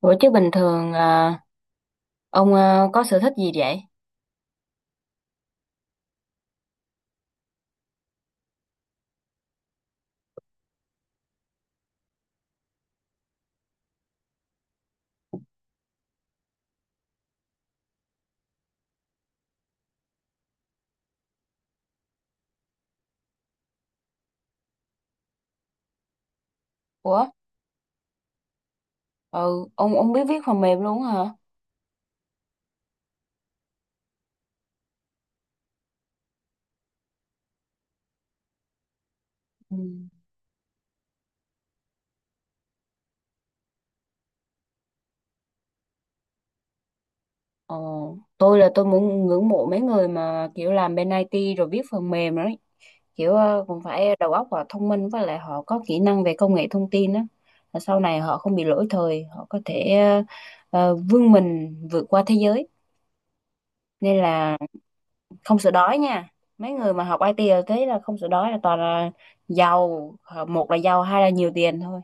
Ủa chứ bình thường ông có sở thích gì vậy? Ủa, ừ, ông biết viết phần mềm luôn hả? Ừ. Ồ, tôi là tôi muốn ngưỡng mộ mấy người mà kiểu làm bên IT rồi viết phần mềm đấy. Kiểu cũng phải đầu óc và thông minh với lại họ có kỹ năng về công nghệ thông tin đó. Là sau này họ không bị lỗi thời, họ có thể vươn mình vượt qua thế giới. Nên là không sợ đói nha. Mấy người mà học IT là thế là không sợ đói là toàn là giàu, một là giàu, hai là nhiều tiền thôi.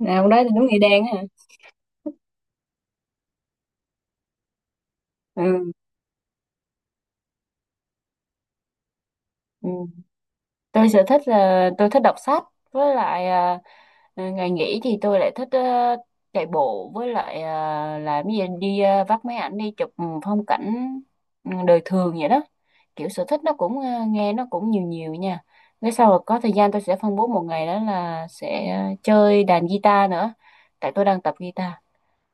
Nào đó thì đúng nghĩa đen á hả. Ừ. Ừ. Tôi sở thích là tôi thích đọc sách với lại ngày nghỉ thì tôi lại thích chạy bộ với lại làm cái gì đi vắt máy ảnh đi chụp phong cảnh, đời thường vậy đó. Kiểu sở thích nó cũng nghe nó cũng nhiều nhiều nha. Cái sau rồi có thời gian tôi sẽ phân bố một ngày đó là sẽ chơi đàn guitar nữa, tại tôi đang tập guitar.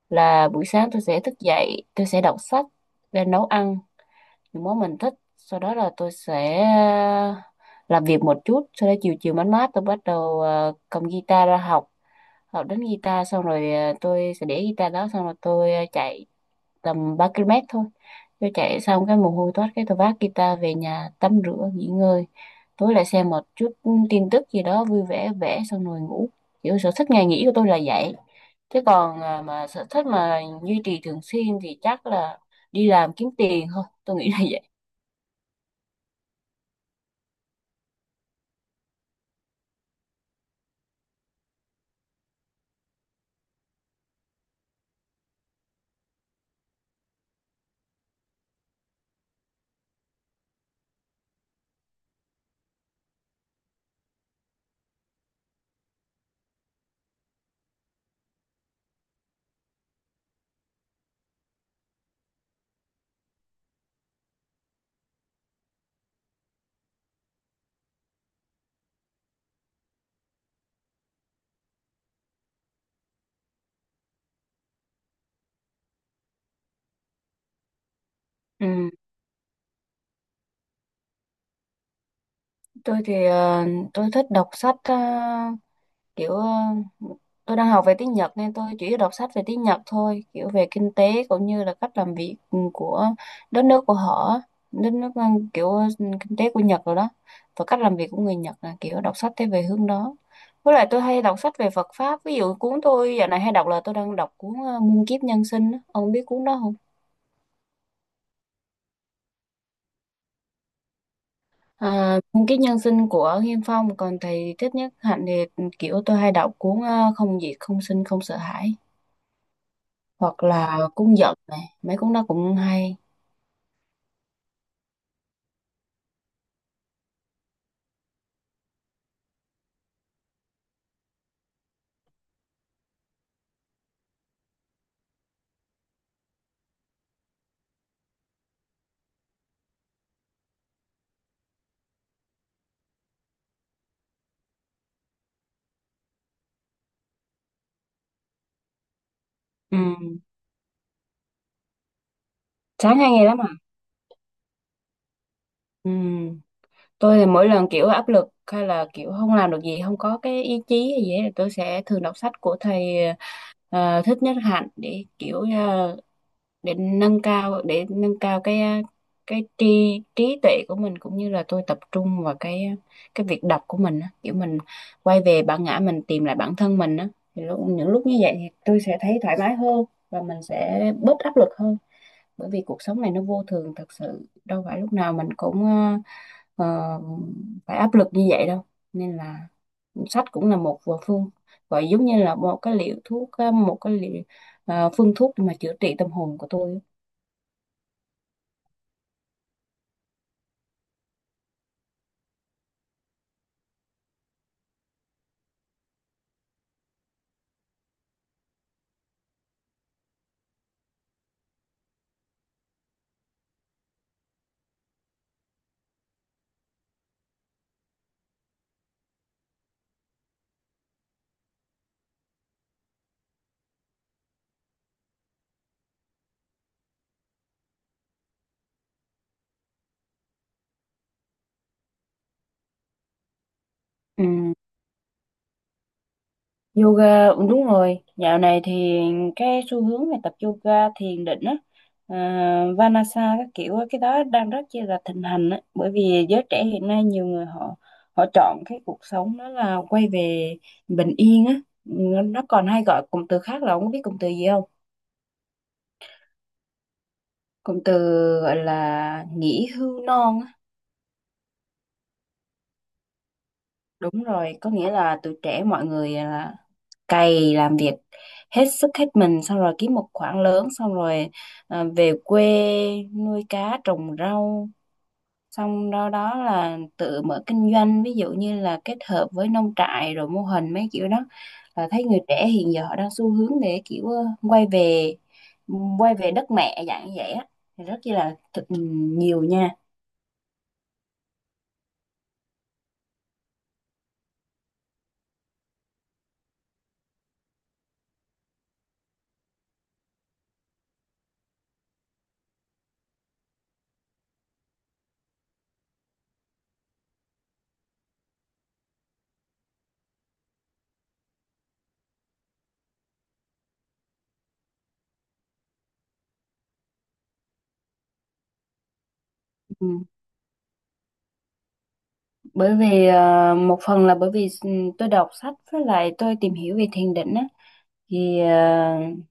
Là buổi sáng tôi sẽ thức dậy tôi sẽ đọc sách và nấu ăn những món mình thích, sau đó là tôi sẽ làm việc một chút, sau đó chiều chiều mát mát tôi bắt đầu cầm guitar ra học. Học đến guitar xong rồi tôi sẽ để guitar đó xong rồi tôi chạy tầm 3 km thôi. Tôi chạy xong cái mồ hôi toát cái tôi vác guitar về nhà tắm rửa nghỉ ngơi, tối lại xem một chút tin tức gì đó vui vẻ vẽ xong rồi ngủ. Kiểu sở thích ngày nghỉ của tôi là vậy. Thế còn mà sở thích mà duy trì thường xuyên thì chắc là đi làm kiếm tiền thôi, tôi nghĩ là vậy. Ừ. Tôi thì tôi thích đọc sách kiểu tôi đang học về tiếng Nhật nên tôi chỉ đọc sách về tiếng Nhật thôi, kiểu về kinh tế cũng như là cách làm việc, của đất nước của họ. Đất nước kiểu kinh tế của Nhật rồi đó, và cách làm việc của người Nhật, là kiểu đọc sách thế về hướng đó. Với lại tôi hay đọc sách về Phật pháp, ví dụ cuốn tôi dạo này hay đọc là tôi đang đọc cuốn Muôn Kiếp Nhân Sinh á. Ông biết cuốn đó không? À, cái nhân sinh của Nghiêm Phong, còn thầy Thích Nhất Hạnh thì kiểu tôi hay đọc cuốn Không Diệt Không Sinh Không Sợ Hãi, hoặc là cuốn Giận này, mấy cuốn đó cũng hay. Ừ. Sáng hay nghe lắm à? Ừ. Tôi thì mỗi lần kiểu áp lực hay là kiểu không làm được gì, không có cái ý chí hay gì hết, thì tôi sẽ thường đọc sách của thầy Thích Nhất Hạnh để kiểu để nâng cao, cái cái trí trí tuệ của mình, cũng như là tôi tập trung vào cái cái việc đọc của mình á, kiểu mình quay về bản ngã mình, tìm lại bản thân mình á. Thì lúc, những lúc như vậy thì tôi sẽ thấy thoải mái hơn và mình sẽ bớt áp lực hơn, bởi vì cuộc sống này nó vô thường thật sự, đâu phải lúc nào mình cũng ờ, phải áp lực như vậy đâu. Nên là sách cũng là một phương, gọi giống như là một cái liệu thuốc, một cái liệu phương thuốc để mà chữa trị tâm hồn của tôi á. Ừ, yoga, đúng rồi, dạo này thì cái xu hướng về tập yoga thiền định á, Vanasa các kiểu á, cái đó đang rất chi là thịnh hành á, bởi vì giới trẻ hiện nay nhiều người họ, họ chọn cái cuộc sống đó là quay về bình yên á. Ừ, nó còn hay gọi cụm từ khác, là ông có biết cụm từ gì không? Cụm từ gọi là nghỉ hưu non á. Đúng rồi, có nghĩa là tuổi trẻ mọi người là cày làm việc hết sức hết mình xong rồi kiếm một khoản lớn, xong rồi về quê nuôi cá trồng rau, xong đó đó là tự mở kinh doanh, ví dụ như là kết hợp với nông trại rồi mô hình mấy kiểu đó. Là thấy người trẻ hiện giờ họ đang xu hướng để kiểu quay về, quay về đất mẹ dạng như vậy á. Thì rất là nhiều nha. Ừ, bởi vì một phần là bởi vì tôi đọc sách với lại tôi tìm hiểu về thiền định á, thì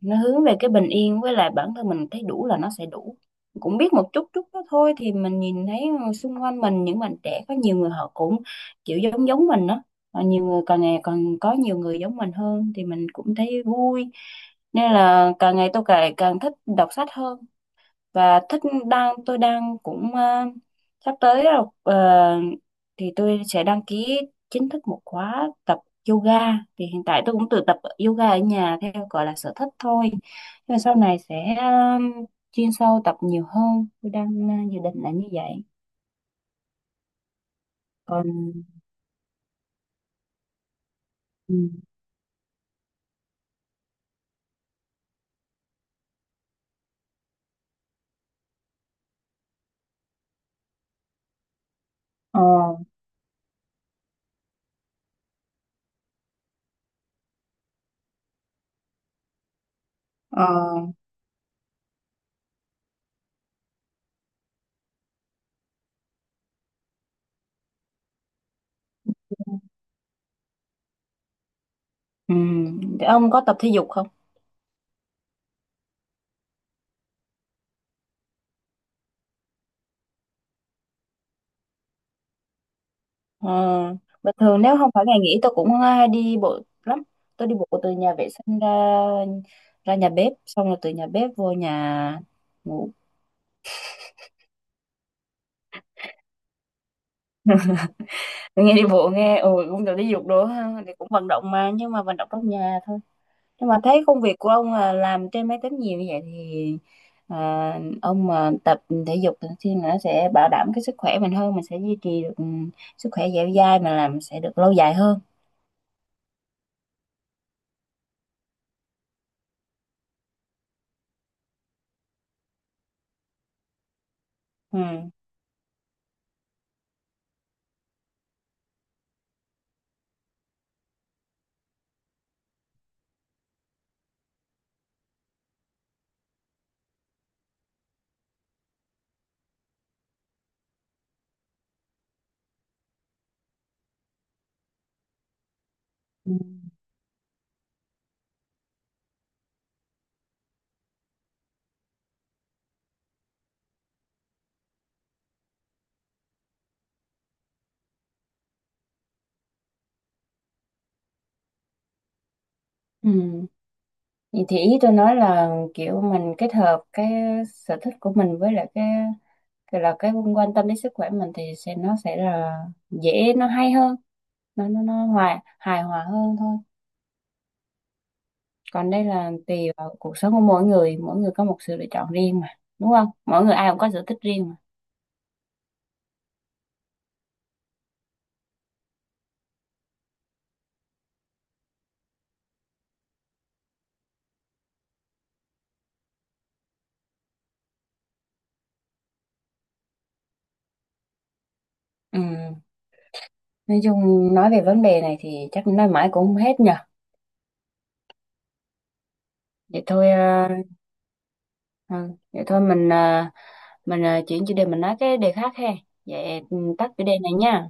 nó hướng về cái bình yên, với lại bản thân mình thấy đủ là nó sẽ đủ. Cũng biết một chút chút đó thôi, thì mình nhìn thấy xung quanh mình những bạn trẻ có nhiều người họ cũng kiểu giống giống mình đó, và nhiều người càng ngày còn có nhiều người giống mình hơn thì mình cũng thấy vui. Nên là càng ngày tôi càng càng thích đọc sách hơn và thích, tôi đang cũng sắp tới rồi, thì tôi sẽ đăng ký chính thức một khóa tập yoga. Thì hiện tại tôi cũng tự tập yoga ở nhà, theo gọi là sở thích thôi, nhưng mà sau này sẽ chuyên sâu tập nhiều hơn, tôi đang dự định là như vậy. Còn. Ừ. ờ ờ ừ. Thì ông có tập thể dục không? Ờ, bình thường nếu không phải ngày nghỉ tôi cũng hay đi bộ lắm. Tôi đi bộ từ nhà vệ sinh ra, ra nhà bếp, xong rồi từ nhà bếp vô nhà ngủ. Tôi nghe đi bộ nghe, ừ, cũng được đi dục đồ ha, thì cũng vận động mà, nhưng mà vận động trong nhà thôi. Nhưng mà thấy công việc của ông là làm trên máy tính nhiều như vậy thì ông mà tập thể dục thường xuyên là nó sẽ bảo đảm cái sức khỏe mình hơn, mình sẽ duy trì được, sức khỏe dẻo dai mà làm sẽ được lâu dài hơn. Ừ. Ừ. Ừ. Vậy thì ý tôi nói là kiểu mình kết hợp cái sở thích của mình với lại cái là cái quan tâm đến sức khỏe mình thì sẽ, nó sẽ là dễ, nó hay hơn, nó hòa hài hòa hơn thôi. Còn đây là tùy vào cuộc sống của mỗi người, mỗi người có một sự lựa chọn riêng mà, đúng không? Mỗi người ai cũng có sở thích riêng mà. Ừ. Nói chung, nói về vấn đề này thì chắc nói mãi cũng không hết nhờ. Vậy thôi ừ, vậy thôi mình mình chuyển chủ đề, mình nói cái đề khác ha. Vậy tắt chủ đề này nha.